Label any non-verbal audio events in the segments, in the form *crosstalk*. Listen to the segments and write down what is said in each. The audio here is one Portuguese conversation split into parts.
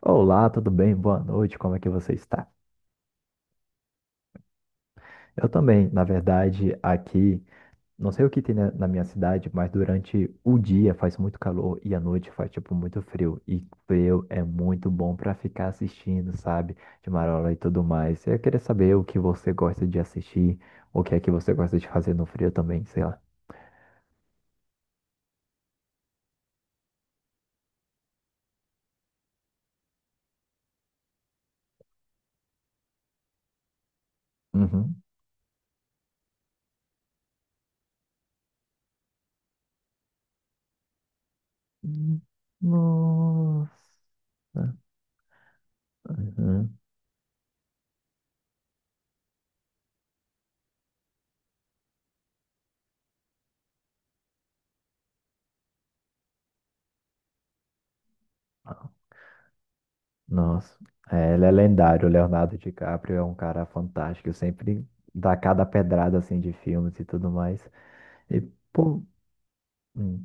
Olá, tudo bem? Boa noite, como é que você está? Eu também, na verdade, aqui, não sei o que tem na minha cidade, mas durante o dia faz muito calor e à noite faz, tipo, muito frio. E frio é muito bom para ficar assistindo, sabe? De marola e tudo mais. Eu queria saber o que você gosta de assistir, o que é que você gosta de fazer no frio também, sei lá. Uhum. Nossa. Uhum. Nossa, é, ele é lendário. O Leonardo DiCaprio é um cara fantástico. Sempre dá cada pedrada assim de filmes e tudo mais. E, pô. hum,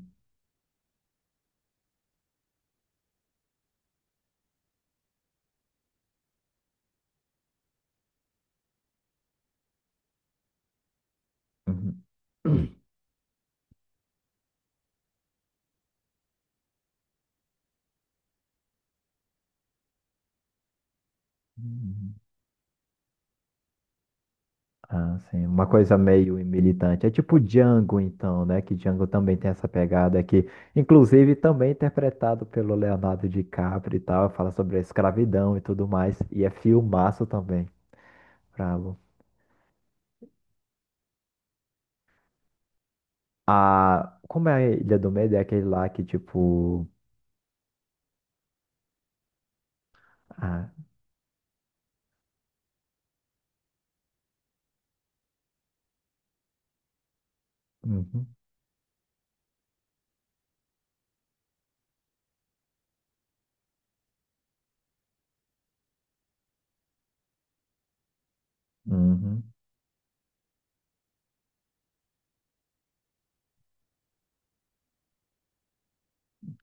uhum. *clears throat* Hum, Ah, sim. Uma coisa meio militante. É tipo Django, então, né? Que Django também tem essa pegada aqui. Inclusive, também interpretado pelo Leonardo DiCaprio e tal. Fala sobre a escravidão e tudo mais. E é filmaço também. Bravo. Ah, como é a Ilha do Medo? É aquele lá que, tipo. Ah, uhum. Uhum.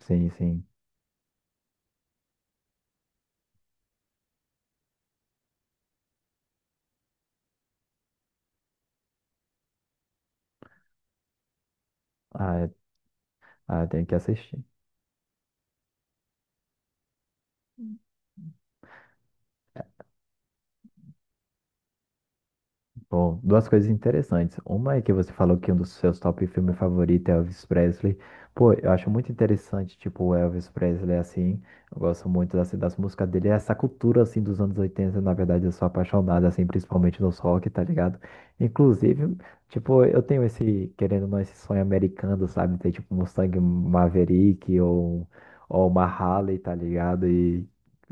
Sim, sim. Ah, é- ah, tem que assistir. Bom, duas coisas interessantes. Uma é que você falou que um dos seus top filmes favoritos é Elvis Presley. Pô, eu acho muito interessante, tipo, o Elvis Presley, assim. Eu gosto muito assim, das músicas dele. É essa cultura, assim, dos anos 80, na verdade, eu sou apaixonado, assim, principalmente no rock, tá ligado? Inclusive, tipo, eu tenho esse, querendo ou não, esse sonho americano, sabe? Ter, tipo, um Mustang Maverick ou uma Harley, tá ligado?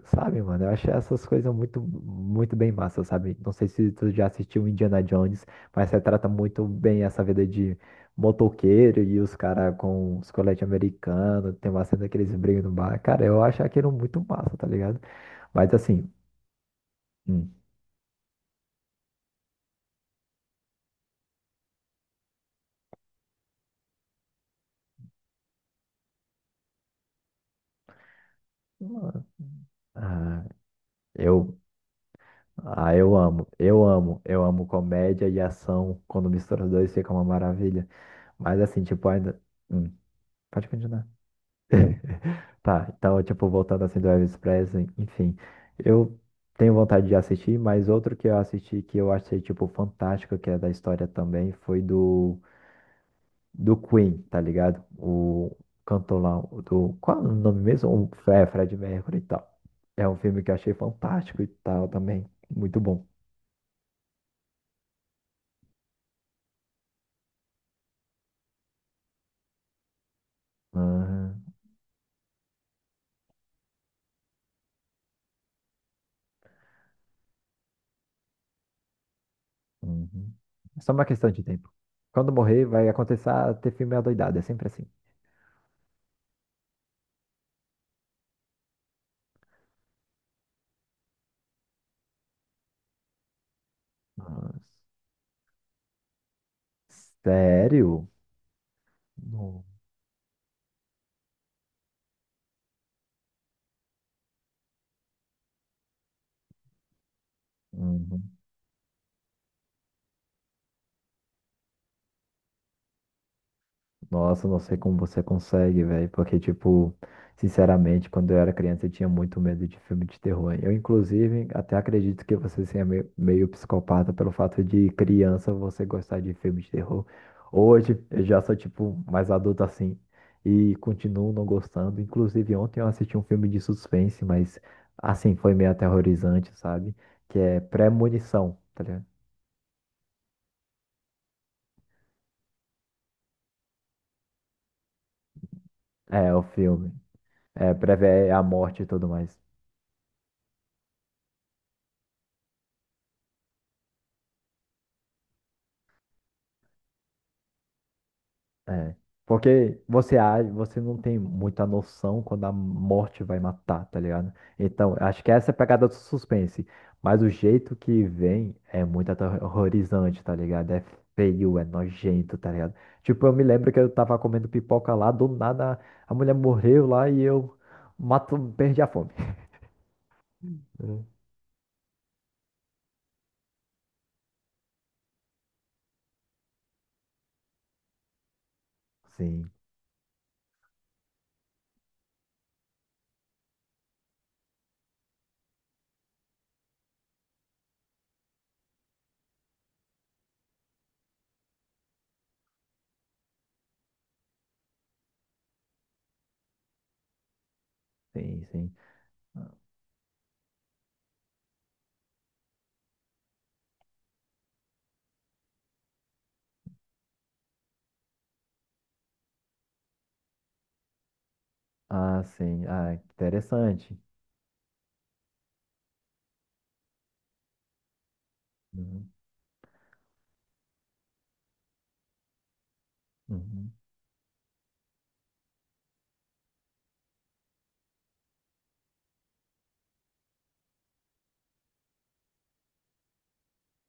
Sabe, mano, eu acho essas coisas muito, muito bem massa, sabe? Não sei se tu já assistiu Indiana Jones, mas retrata muito bem essa vida de motoqueiro e os caras com os coletes americanos, tem uma cena que eles brigam no bar. Cara, eu acho aquilo muito massa, tá ligado? Mas assim, hum, ah, eu, eu amo, eu amo, eu amo comédia e ação, quando mistura os dois fica uma maravilha. Mas assim, tipo, ainda... Hum, pode continuar. *laughs* Tá, então, tipo, voltando assim do Elvis Presley, enfim, eu tenho vontade de assistir, mas outro que eu assisti que eu achei, tipo, fantástico, que é da história também, foi do Queen, tá ligado? O cantor lá, o do... Qual é o nome mesmo? É, Fred Mercury e tal. É um filme que eu achei fantástico e tal também, muito bom. Aham, uhum. É só uma questão de tempo. Quando morrer, vai acontecer ter filme adoidado, é sempre assim. Nossa. Sério? Não. Uhum. Nossa, não sei como você consegue, velho. Porque, tipo, sinceramente, quando eu era criança, eu tinha muito medo de filme de terror. Eu, inclusive, até acredito que você seja meio psicopata pelo fato de criança você gostar de filme de terror. Hoje, eu já sou, tipo, mais adulto assim. E continuo não gostando. Inclusive, ontem eu assisti um filme de suspense, mas, assim, foi meio aterrorizante, sabe? Que é Premonição, tá ligado? É, o filme. É, prevê a morte e tudo mais. É. Porque você age, você não tem muita noção quando a morte vai matar, tá ligado? Então, acho que essa é a pegada do suspense. Mas o jeito que vem é muito aterrorizante, tá ligado? É feio, é nojento, tá ligado? Tipo, eu me lembro que eu tava comendo pipoca lá, do nada a mulher morreu lá e eu mato, perdi a fome. *laughs* Hum. Sim, sim, sim. Ah, sim. Ah, interessante. Uhum, uhum.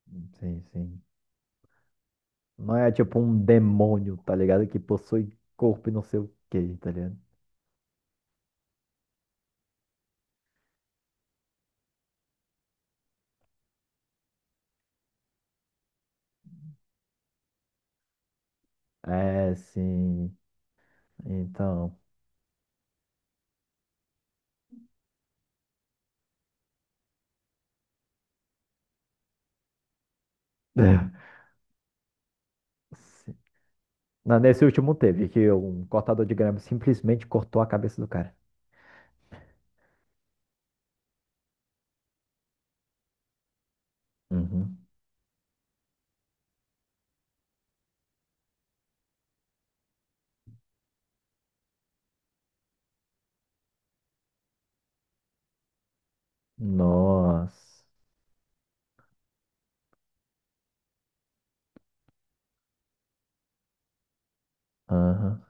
Uhum. Sim, sim. Não é tipo um demônio, tá ligado? Que possui corpo e não sei o quê, tá ligado? É, sim. Então. *laughs* Sim. Não, nesse último teve, que um cortador de grama simplesmente cortou a cabeça do cara. Uhum. Nossa. Aham.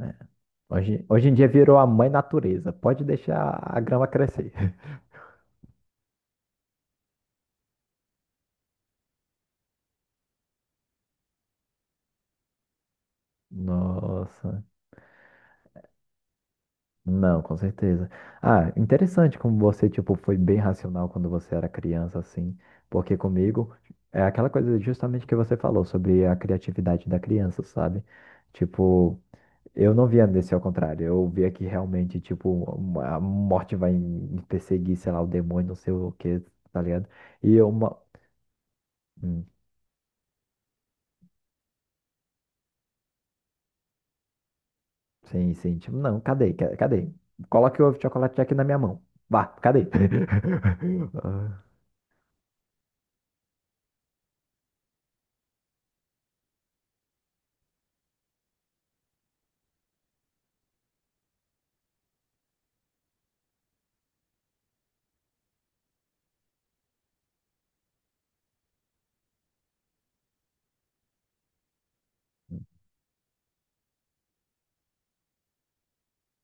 É. Hoje, hoje em dia virou a mãe natureza. Pode deixar a grama crescer. *laughs* Nossa. Não, com certeza. Ah, interessante como você, tipo, foi bem racional quando você era criança, assim, porque comigo é aquela coisa justamente que você falou sobre a criatividade da criança, sabe? Tipo, eu não via desse ao contrário, eu via que realmente, tipo, a morte vai me perseguir, sei lá, o demônio, não sei o quê, tá ligado? E eu, uma... hum, sim, sim, tipo, não, cadê, cadê? Coloque o chocolate aqui na minha mão. Vá, cadê? *laughs*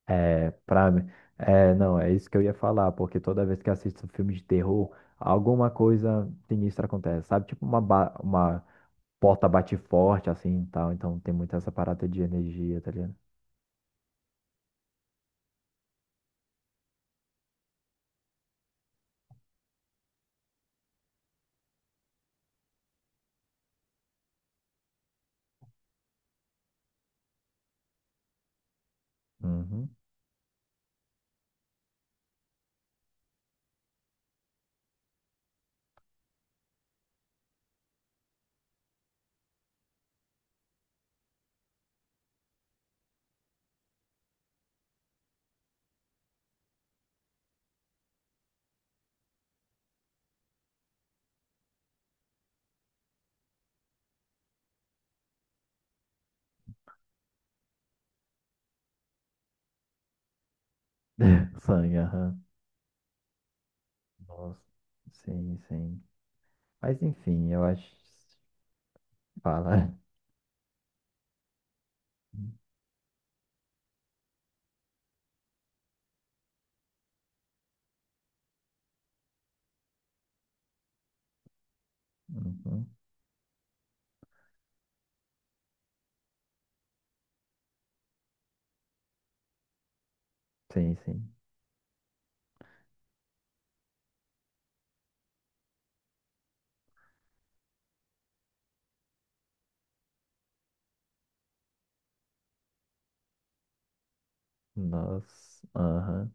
É, pra mim. É, não, é isso que eu ia falar, porque toda vez que assisto um filme de terror, alguma coisa sinistra acontece, sabe? Tipo uma porta bate forte, assim e tal. Então tem muito essa parada de energia, tá ligado? Uhum. *laughs* Sangue, aham. Nossa. Sim, sim. Mas enfim, eu acho. Fala. Uhum. Sim, sim. Nossa. Aham.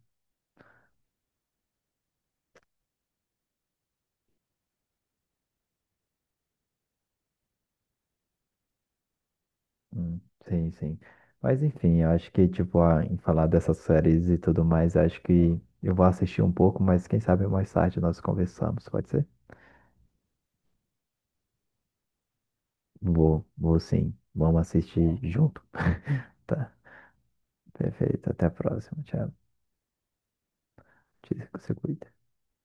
Hum, sim, sim. Mas enfim, eu acho que, tipo, em falar dessas séries e tudo mais, eu acho que eu vou assistir um pouco, mas quem sabe mais tarde nós conversamos, pode ser? Vou, vou sim. Vamos assistir junto. *laughs* Tá, perfeito. Até a próxima. Tchau. Se cuida.